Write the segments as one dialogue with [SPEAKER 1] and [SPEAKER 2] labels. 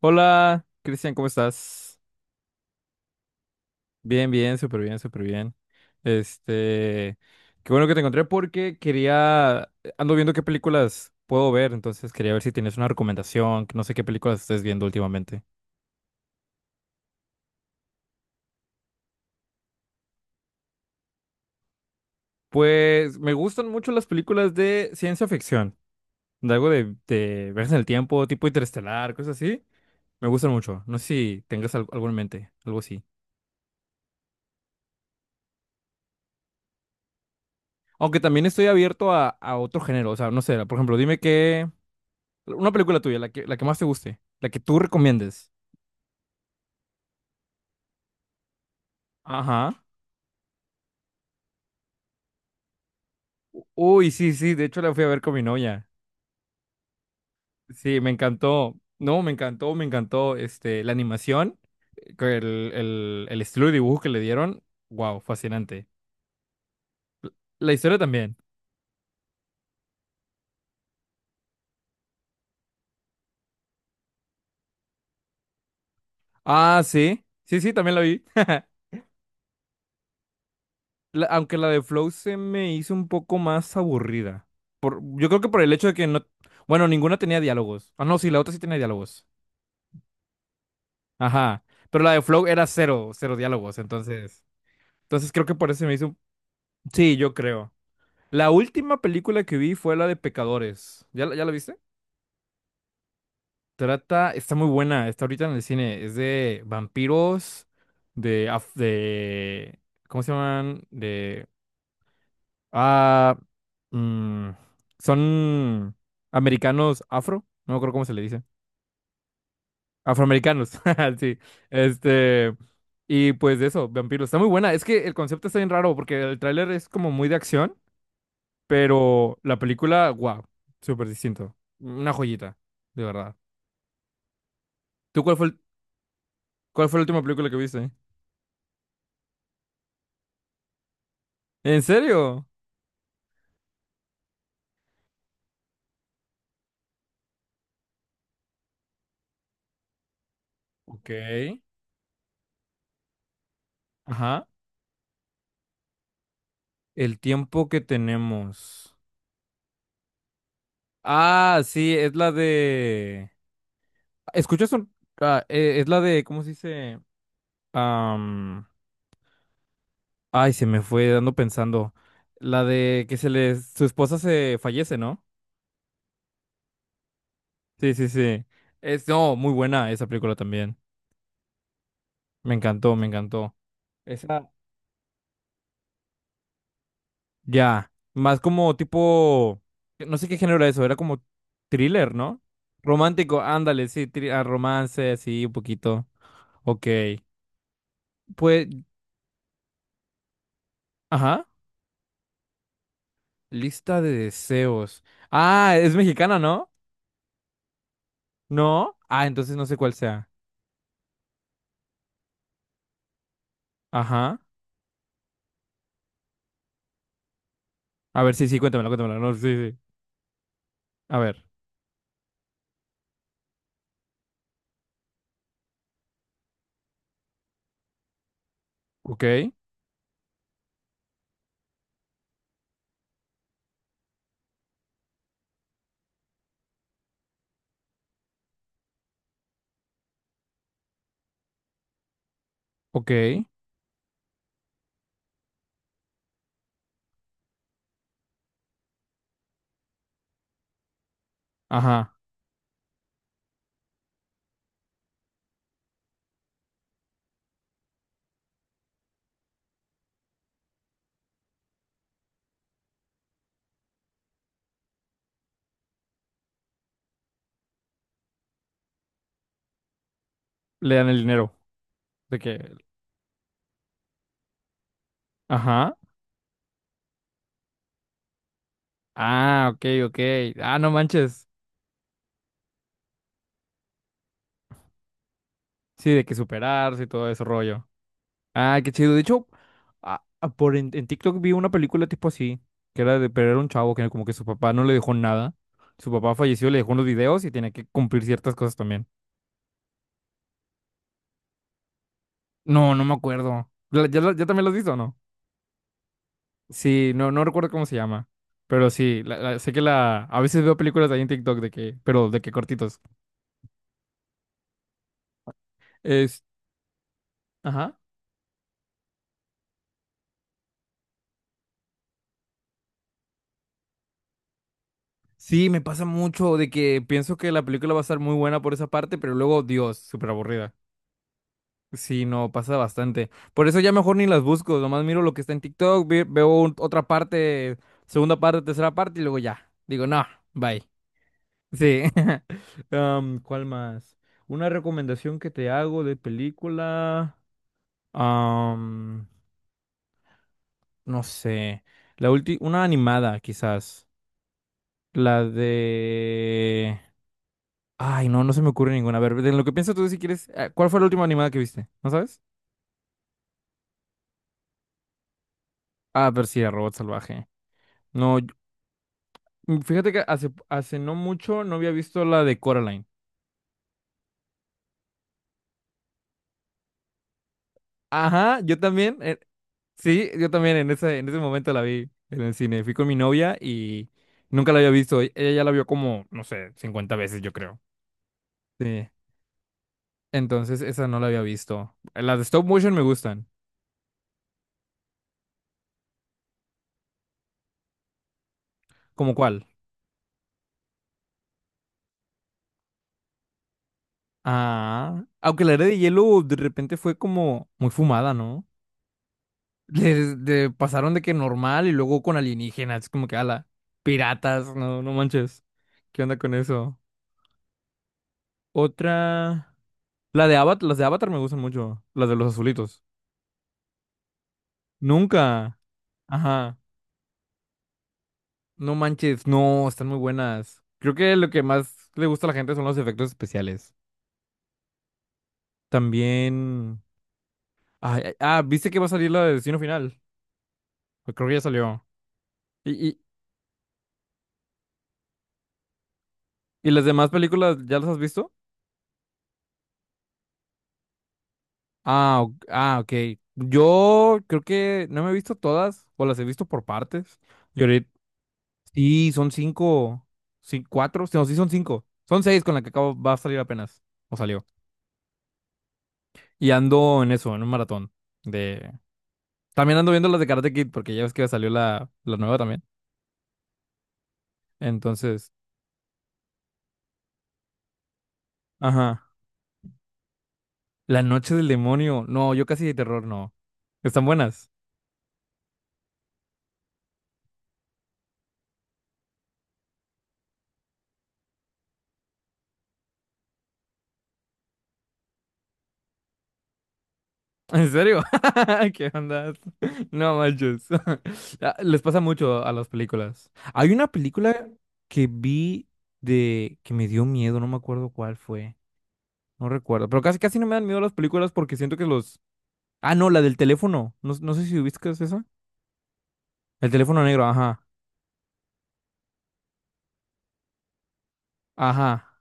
[SPEAKER 1] Hola, Cristian, ¿cómo estás? Bien, bien, súper bien, súper bien. Este, qué bueno que te encontré porque ando viendo qué películas puedo ver, entonces quería ver si tienes una recomendación, que no sé qué películas estés viendo últimamente. Pues me gustan mucho las películas de ciencia ficción, de algo de viajes en el tiempo, tipo interestelar, cosas así. Me gustan mucho. No sé si tengas algo en mente, algo así. Aunque también estoy abierto a otro género, o sea, no sé, por ejemplo, dime qué. Una película tuya, la que más te guste, la que tú recomiendes. Ajá. Uy, sí, sí, de hecho la fui a ver con mi novia. Sí, me encantó. No, me encantó este, la animación, con el estilo de dibujo que le dieron. Wow, fascinante. L- La historia también. Ah, sí. Sí, sí, también la vi. Aunque la de Flow se me hizo un poco más aburrida. Yo creo que por el hecho de que no. Bueno, ninguna tenía diálogos. Ah, no, sí, la otra sí tenía diálogos. Ajá. Pero la de Flow era cero, cero diálogos, entonces. Entonces creo que por eso se me hizo. Sí, yo creo. La última película que vi fue la de Pecadores. ¿Ya, ya la viste? Trata, está muy buena, está ahorita en el cine. Es de vampiros, de, ¿cómo se llaman? Ah, mm, Son americanos afro, no me acuerdo cómo se le dice. Afroamericanos, sí. Este, y pues eso, vampiros. Está muy buena. Es que el concepto está bien raro porque el tráiler es como muy de acción, pero la película, wow, súper distinto. Una joyita, de verdad. ¿Tú cuál fue cuál fue la última película que viste? ¿En serio? Ok. Ajá. El tiempo que tenemos. Ah, sí, ¿Escuchas un... es la de, ¿cómo se dice? Ay, se me fue dando pensando. La de que se les, su esposa se fallece, ¿no? Sí, sí, sí. No, muy buena esa película también. Me encantó, me encantó. Esa. Ya. Más como tipo, no sé qué género era eso, era como thriller, ¿no? Romántico, ándale, sí, romance, sí, un poquito. Ok. Pues, ajá. Lista de deseos. Ah, es mexicana, ¿no? ¿No? Ah, entonces no sé cuál sea. Ajá. A ver, sí, sí, cuéntamela, cuéntamela. No, sí, sí. A ver, ok, ok, ajá, le dan el dinero, de que, ajá, ah, ok, ok, ah, no manches, sí, de que superarse y todo ese rollo. Ah, qué chido, de hecho, en TikTok vi una película tipo así, pero era un chavo que como que su papá no le dejó nada, su papá falleció, le dejó unos videos y tenía que cumplir ciertas cosas también. No, no me acuerdo. ¿Ya también lo has visto o no? Sí, no, no recuerdo cómo se llama. Pero sí, sé que la. A veces veo películas ahí en TikTok de que. Pero de que cortitos. Es, ajá. Sí, me pasa mucho de que pienso que la película va a estar muy buena por esa parte, pero luego, Dios, súper aburrida. Sí, no, pasa bastante. Por eso ya mejor ni las busco, nomás miro lo que está en TikTok, veo otra parte, segunda parte, tercera parte y luego ya. Digo, no, bye. Sí. ¿Cuál más? Una recomendación que te hago de película. am, no sé. La última, una animada, quizás. La de... Ay, no, no se me ocurre ninguna. A ver, de lo que piensas tú si quieres. ¿Cuál fue la última animada que viste? ¿No sabes? Ah, pero sí, de Robot Salvaje. No, fíjate que hace no mucho no había visto la de Coraline. Ajá, yo también. Sí, yo también en ese momento la vi en el cine. Fui con mi novia y nunca la había visto. Ella ya la vio como, no sé, 50 veces, yo creo. Sí. Entonces, esa no la había visto. Las de stop motion me gustan. ¿Cómo cuál? Ah, aunque la Era de Hielo de repente fue como muy fumada, ¿no? Pasaron de que normal y luego con alienígenas. Es como que, ala, piratas, no, no manches. ¿Qué onda con eso? Otra. La de Avatar, las de Avatar me gustan mucho. Las de los azulitos. Nunca. Ajá. No manches, no, están muy buenas. Creo que lo que más le gusta a la gente son los efectos especiales. También. Ay, ay, ah, ¿viste que va a salir la de Destino Final? Pues creo que ya salió. ¿Y, y, y las demás películas ya las has visto? Ah, ok. Yo creo que no me he visto todas, o las he visto por partes. Y ahorita, sí, son cinco, sí, cuatro, no, sí son cinco. Son seis con la que acabo, va a salir apenas, o salió. Y ando en eso, en un maratón de. También ando viendo las de Karate Kid, porque ya ves que salió la nueva también. Entonces, ajá. La Noche del Demonio, no, yo casi de terror, no. ¿Están buenas? ¿En serio? ¿Qué onda? No manches. Ah, les pasa mucho a las películas. Hay una película que vi de que me dio miedo, no me acuerdo cuál fue. No recuerdo, pero casi casi no me dan miedo las películas porque siento que los. Ah, no, la del teléfono. No, no sé si ubicas esa. El teléfono negro, ajá. Ajá.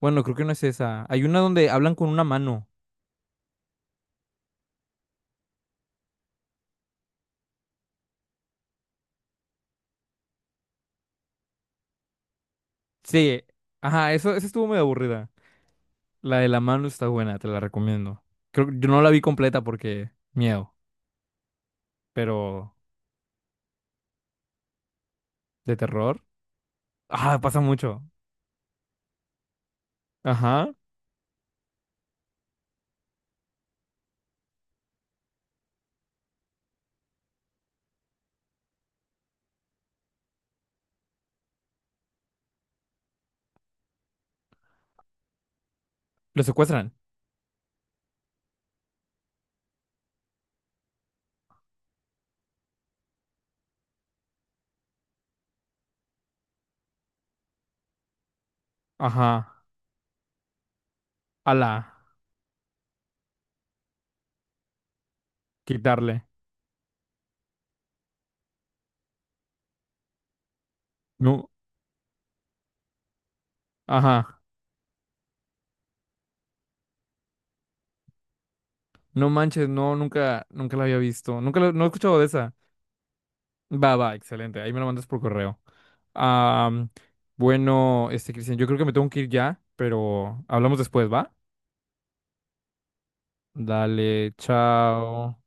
[SPEAKER 1] Bueno, creo que no es esa. Hay una donde hablan con una mano. Sí. Ajá, eso esa estuvo muy aburrida. La de la mano está buena, te la recomiendo. Creo que yo no la vi completa porque miedo. Pero de terror. Ah, pasa mucho. Ajá. Lo secuestran. Ajá. Ala. Quitarle. No. Ajá. No manches, no, nunca, nunca la había visto. Nunca no he escuchado de esa. Va, va, excelente. Ahí me lo mandas por correo. Ah, bueno, este, Cristian, yo creo que me tengo que ir ya, pero hablamos después, ¿va? Dale, chao.